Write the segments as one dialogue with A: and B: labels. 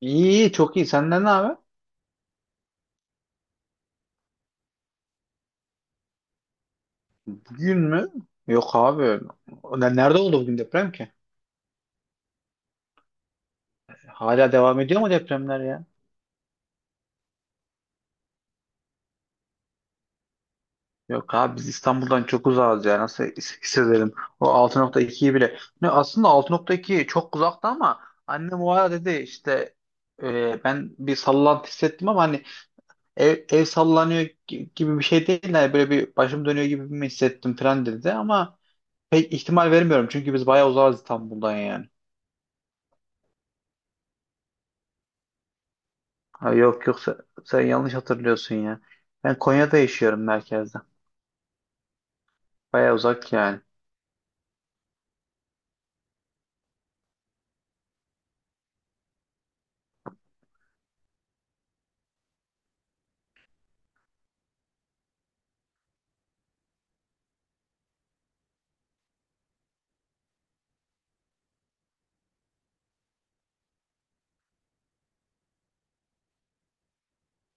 A: İyi, çok iyi. Senden ne haber? Bugün mü? Yok abi. Nerede oldu bugün deprem ki? Hala devam ediyor mu depremler ya? Yok abi biz İstanbul'dan çok uzağız ya. Nasıl hissedelim? O 6.2'yi bile. Aslında altı nokta iki çok uzakta ama annem o ara dedi işte ben bir sallantı hissettim ama hani ev sallanıyor gibi bir şey değil. Yani böyle bir başım dönüyor gibi mi hissettim falan dedi ama pek ihtimal vermiyorum. Çünkü biz bayağı uzağız İstanbul'dan yani. Ha, yok sen, sen yanlış hatırlıyorsun ya. Ben Konya'da yaşıyorum, merkezde. Baya uzak yani.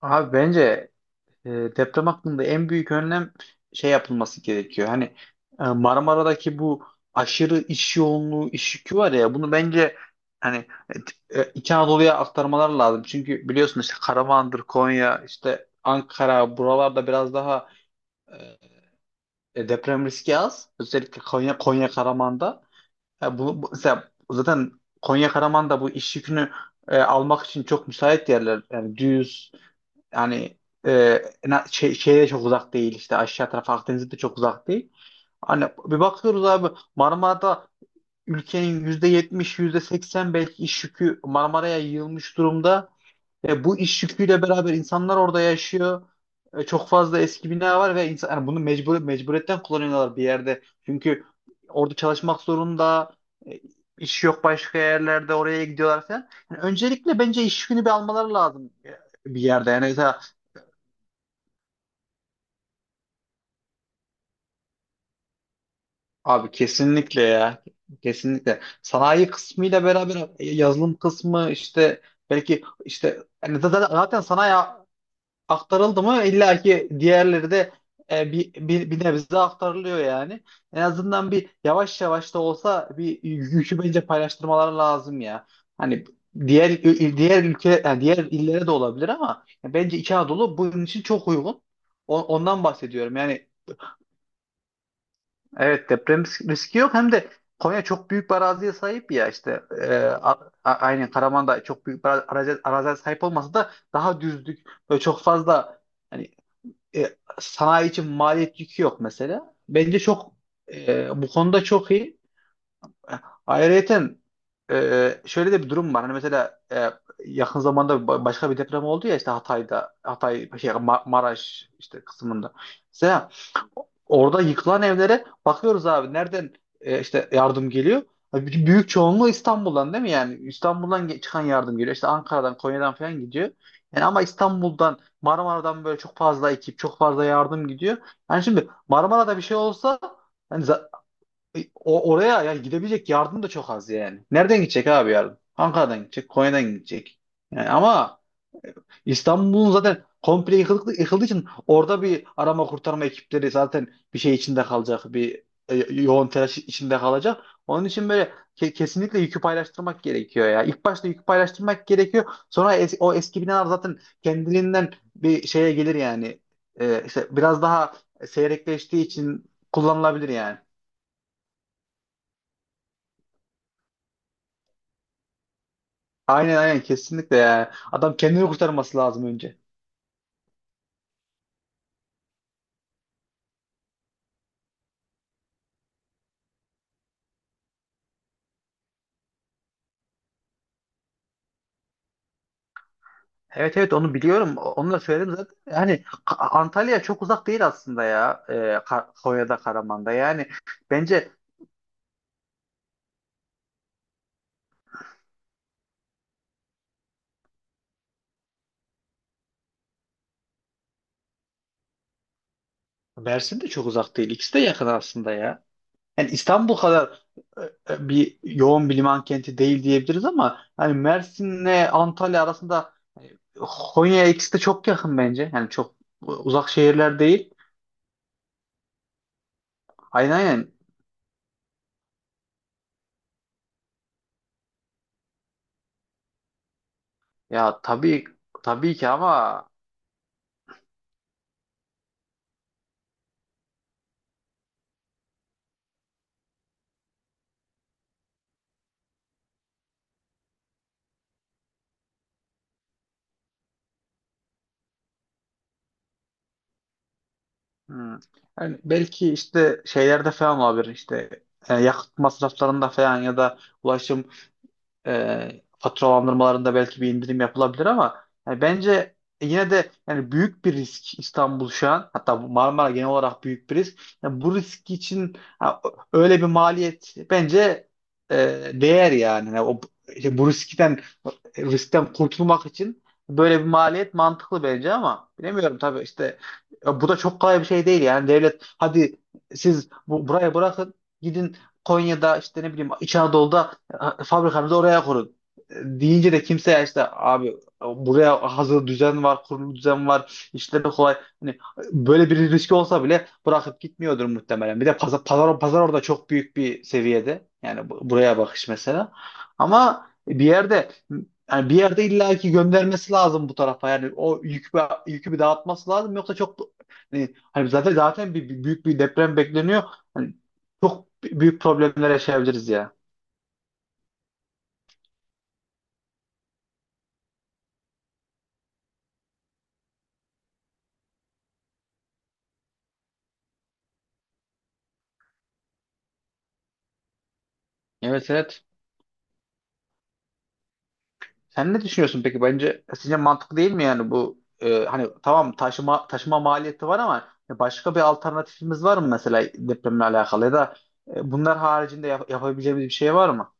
A: Abi bence e, deprem hakkında en büyük önlem şey yapılması gerekiyor. Hani Marmara'daki bu aşırı iş yoğunluğu, iş yükü var ya, bunu bence hani İç Anadolu'ya aktarmalar lazım. Çünkü biliyorsun işte Karaman'dır, Konya, işte Ankara, buralarda biraz daha deprem riski az. Özellikle Konya, Konya Karaman'da. Ya mesela zaten Konya Karaman da bu iş yükünü almak için çok müsait yerler. Yani düz, yani şeye çok uzak değil, işte aşağı taraf Akdeniz'de de çok uzak değil. Hani bir bakıyoruz abi, Marmara'da ülkenin yüzde yetmiş, yüzde seksen belki iş yükü Marmara'ya yığılmış durumda. Bu iş yüküyle beraber insanlar orada yaşıyor. Çok fazla eski bina var ve insan, yani bunu mecbur, mecburiyetten kullanıyorlar bir yerde. Çünkü orada çalışmak zorunda, e, iş yok başka yerlerde, oraya gidiyorlar falan. Yani öncelikle bence iş yükünü bir almaları lazım bir yerde. Yani mesela abi, kesinlikle ya. Kesinlikle. Sanayi kısmıyla beraber yazılım kısmı, işte belki işte yani zaten sanayi aktarıldı mı illa ki diğerleri de bir nebze aktarılıyor yani. En azından bir, yavaş yavaş da olsa, bir yükü bence paylaştırmaları lazım ya. Hani diğer diğer ülke, yani diğer illere de olabilir ama bence İç Anadolu bunun için çok uygun. Ondan bahsediyorum. Yani evet, deprem riski yok, hem de Konya çok büyük bir araziye sahip ya, işte aynen Karaman da çok büyük bir arazi, araziye sahip olmasa da daha düzlük, böyle çok fazla hani e, sanayi için maliyet yükü yok mesela. Bence çok bu konuda çok iyi. Ayrıyeten şöyle de bir durum var. Hani mesela yakın zamanda başka bir deprem oldu ya, işte Hatay'da, Hatay şey Maraş işte kısmında. Mesela orada yıkılan evlere bakıyoruz abi, nereden işte yardım geliyor. Abi bütün, büyük çoğunluğu İstanbul'dan değil mi yani? İstanbul'dan çıkan yardım geliyor. İşte Ankara'dan, Konya'dan falan gidiyor. Yani ama İstanbul'dan, Marmara'dan böyle çok fazla ekip, çok fazla yardım gidiyor. Yani şimdi Marmara'da bir şey olsa, yani oraya yani gidebilecek yardım da çok az yani. Nereden gidecek abi yardım? Ankara'dan gidecek, Konya'dan gidecek. Yani ama İstanbul'un zaten komple yıkıldığı için orada bir arama kurtarma ekipleri zaten bir şey içinde kalacak, bir e, yoğun telaş içinde kalacak. Onun için böyle kesinlikle yükü paylaştırmak gerekiyor ya. İlk başta yükü paylaştırmak gerekiyor. Sonra o eski binalar zaten kendiliğinden bir şeye gelir yani. İşte biraz daha seyrekleştiği için kullanılabilir yani. Aynen aynen, kesinlikle ya. Adam kendini kurtarması lazım önce. Evet evet, onu biliyorum. Onu da söyledim zaten. Yani Antalya çok uzak değil aslında ya. Konya'da, Karaman'da. Yani bence Mersin de çok uzak değil. İkisi de yakın aslında ya. Yani İstanbul kadar bir yoğun bir liman kenti değil diyebiliriz ama hani Mersin'le Antalya arasında hani Konya, ikisi de çok yakın bence. Yani çok uzak şehirler değil. Aynen aynen. Ya tabii, tabii ki ama hmm. Yani belki işte şeylerde falan olabilir, işte yakıt masraflarında falan ya da ulaşım faturalandırmalarında belki bir indirim yapılabilir ama yani bence yine de, yani büyük bir risk İstanbul şu an, hatta bu Marmara genel olarak büyük bir risk. Yani bu risk için ha, öyle bir maliyet bence e, değer yani. Yani o, işte bu riskten kurtulmak için böyle bir maliyet mantıklı bence ama bilemiyorum tabii, işte bu da çok kolay bir şey değil yani. Devlet, hadi siz buraya bırakın, gidin Konya'da, işte ne bileyim İç Anadolu'da, ha, fabrikanızı oraya kurun. Deyince de kimse, işte abi buraya hazır düzen var, kurulu düzen var, işleri kolay. Hani böyle bir riski olsa bile bırakıp gitmiyordur muhtemelen. Bir de pazar orada çok büyük bir seviyede. Yani buraya bakış mesela. Ama bir yerde, yani bir yerde illaki göndermesi lazım bu tarafa. Yani o yükü bir dağıtması lazım. Yoksa çok, hani zaten büyük bir deprem bekleniyor. Hani çok büyük problemler yaşayabiliriz ya. Evet evet. Sen ne düşünüyorsun peki? Bence sizce mantıklı değil mi yani bu, hani tamam, taşıma maliyeti var ama başka bir alternatifimiz var mı mesela depremle alakalı, ya da bunlar haricinde yapabileceğimiz bir şey var mı?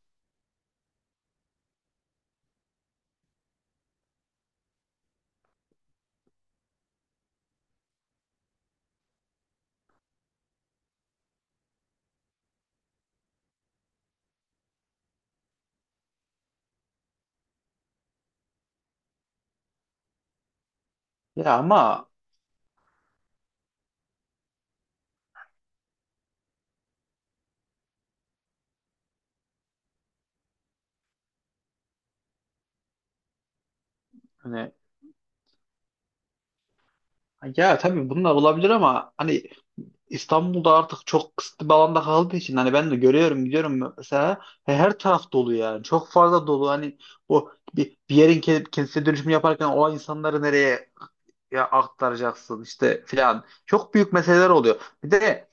A: Ya ama hani, ya tabii bunlar olabilir ama hani İstanbul'da artık çok kısıtlı bir alanda kaldığı için, hani ben de görüyorum, gidiyorum mesela, he, her taraf dolu yani, çok fazla dolu. Hani o bir yerin kendisine dönüşümü yaparken o insanları nereye ya aktaracaksın işte filan. Çok büyük meseleler oluyor. Bir de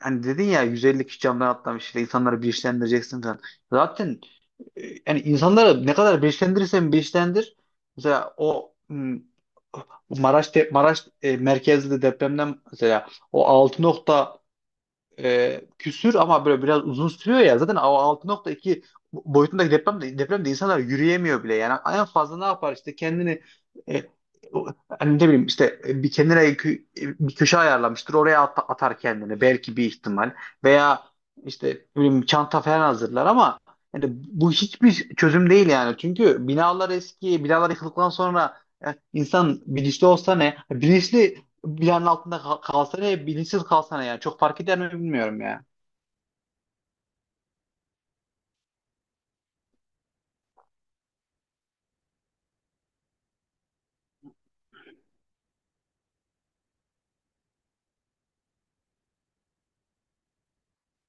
A: hani dedin ya, 150 kişi camdan atlamış, işte insanları bilinçlendireceksin falan. Zaten yani insanları ne kadar bilinçlendirirsen bilinçlendir. Mesela o hmm, Maraş merkezli depremden, mesela o altı nokta küsür ama böyle biraz uzun sürüyor ya. Zaten o altı nokta iki boyutundaki depremde insanlar yürüyemiyor bile. Yani en fazla ne yapar, işte kendini e, o- hani ne bileyim, işte bir kenara bir köşe ayarlamıştır. Oraya atar kendini belki, bir ihtimal, veya işte ne bileyim çanta falan hazırlar ama yani bu hiçbir çözüm değil yani. Çünkü binalar eski, binalar yıkıldıktan sonra insan bilinçli olsa ne? Bilinçli, bilenin altında kalsa ne, bilinçsiz kalsa ne yani. Çok fark eder mi, bilmiyorum ya.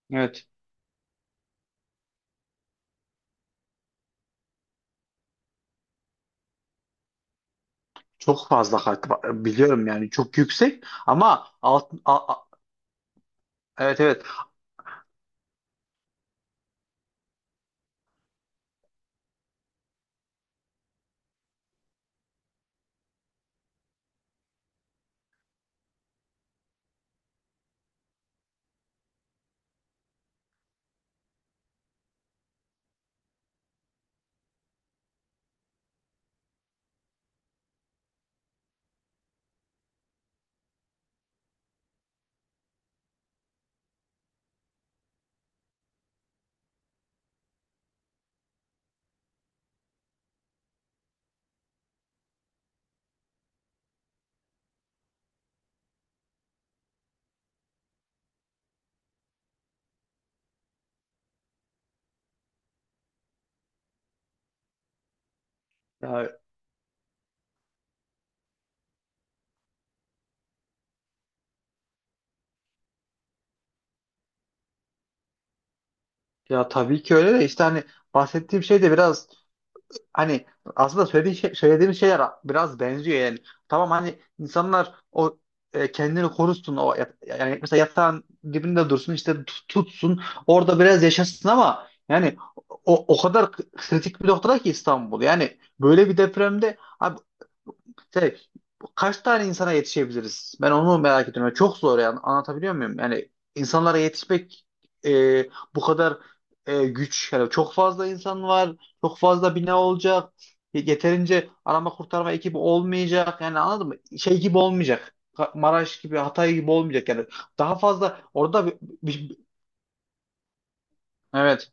A: Evet. Çok fazla fark var. Biliyorum yani. Çok yüksek ama evet evet. Ya, ya tabii ki öyle, de işte hani bahsettiğim şey de biraz hani, aslında söylediğin şey, söylediğimiz şeyler biraz benziyor yani. Tamam hani insanlar o kendini korusun, o yani mesela yatağın dibinde dursun, işte tutsun, orada biraz yaşasın ama yani o, o kadar kritik bir noktada ki İstanbul. Yani böyle bir depremde abi şey, kaç tane insana yetişebiliriz? Ben onu merak ediyorum. Yani çok zor yani, anlatabiliyor muyum? Yani insanlara yetişmek e, bu kadar güç. Yani çok fazla insan var, çok fazla bina olacak. Yeterince arama kurtarma ekibi olmayacak. Yani anladın mı? Şey gibi olmayacak. Maraş gibi, Hatay gibi olmayacak. Yani daha fazla orada evet.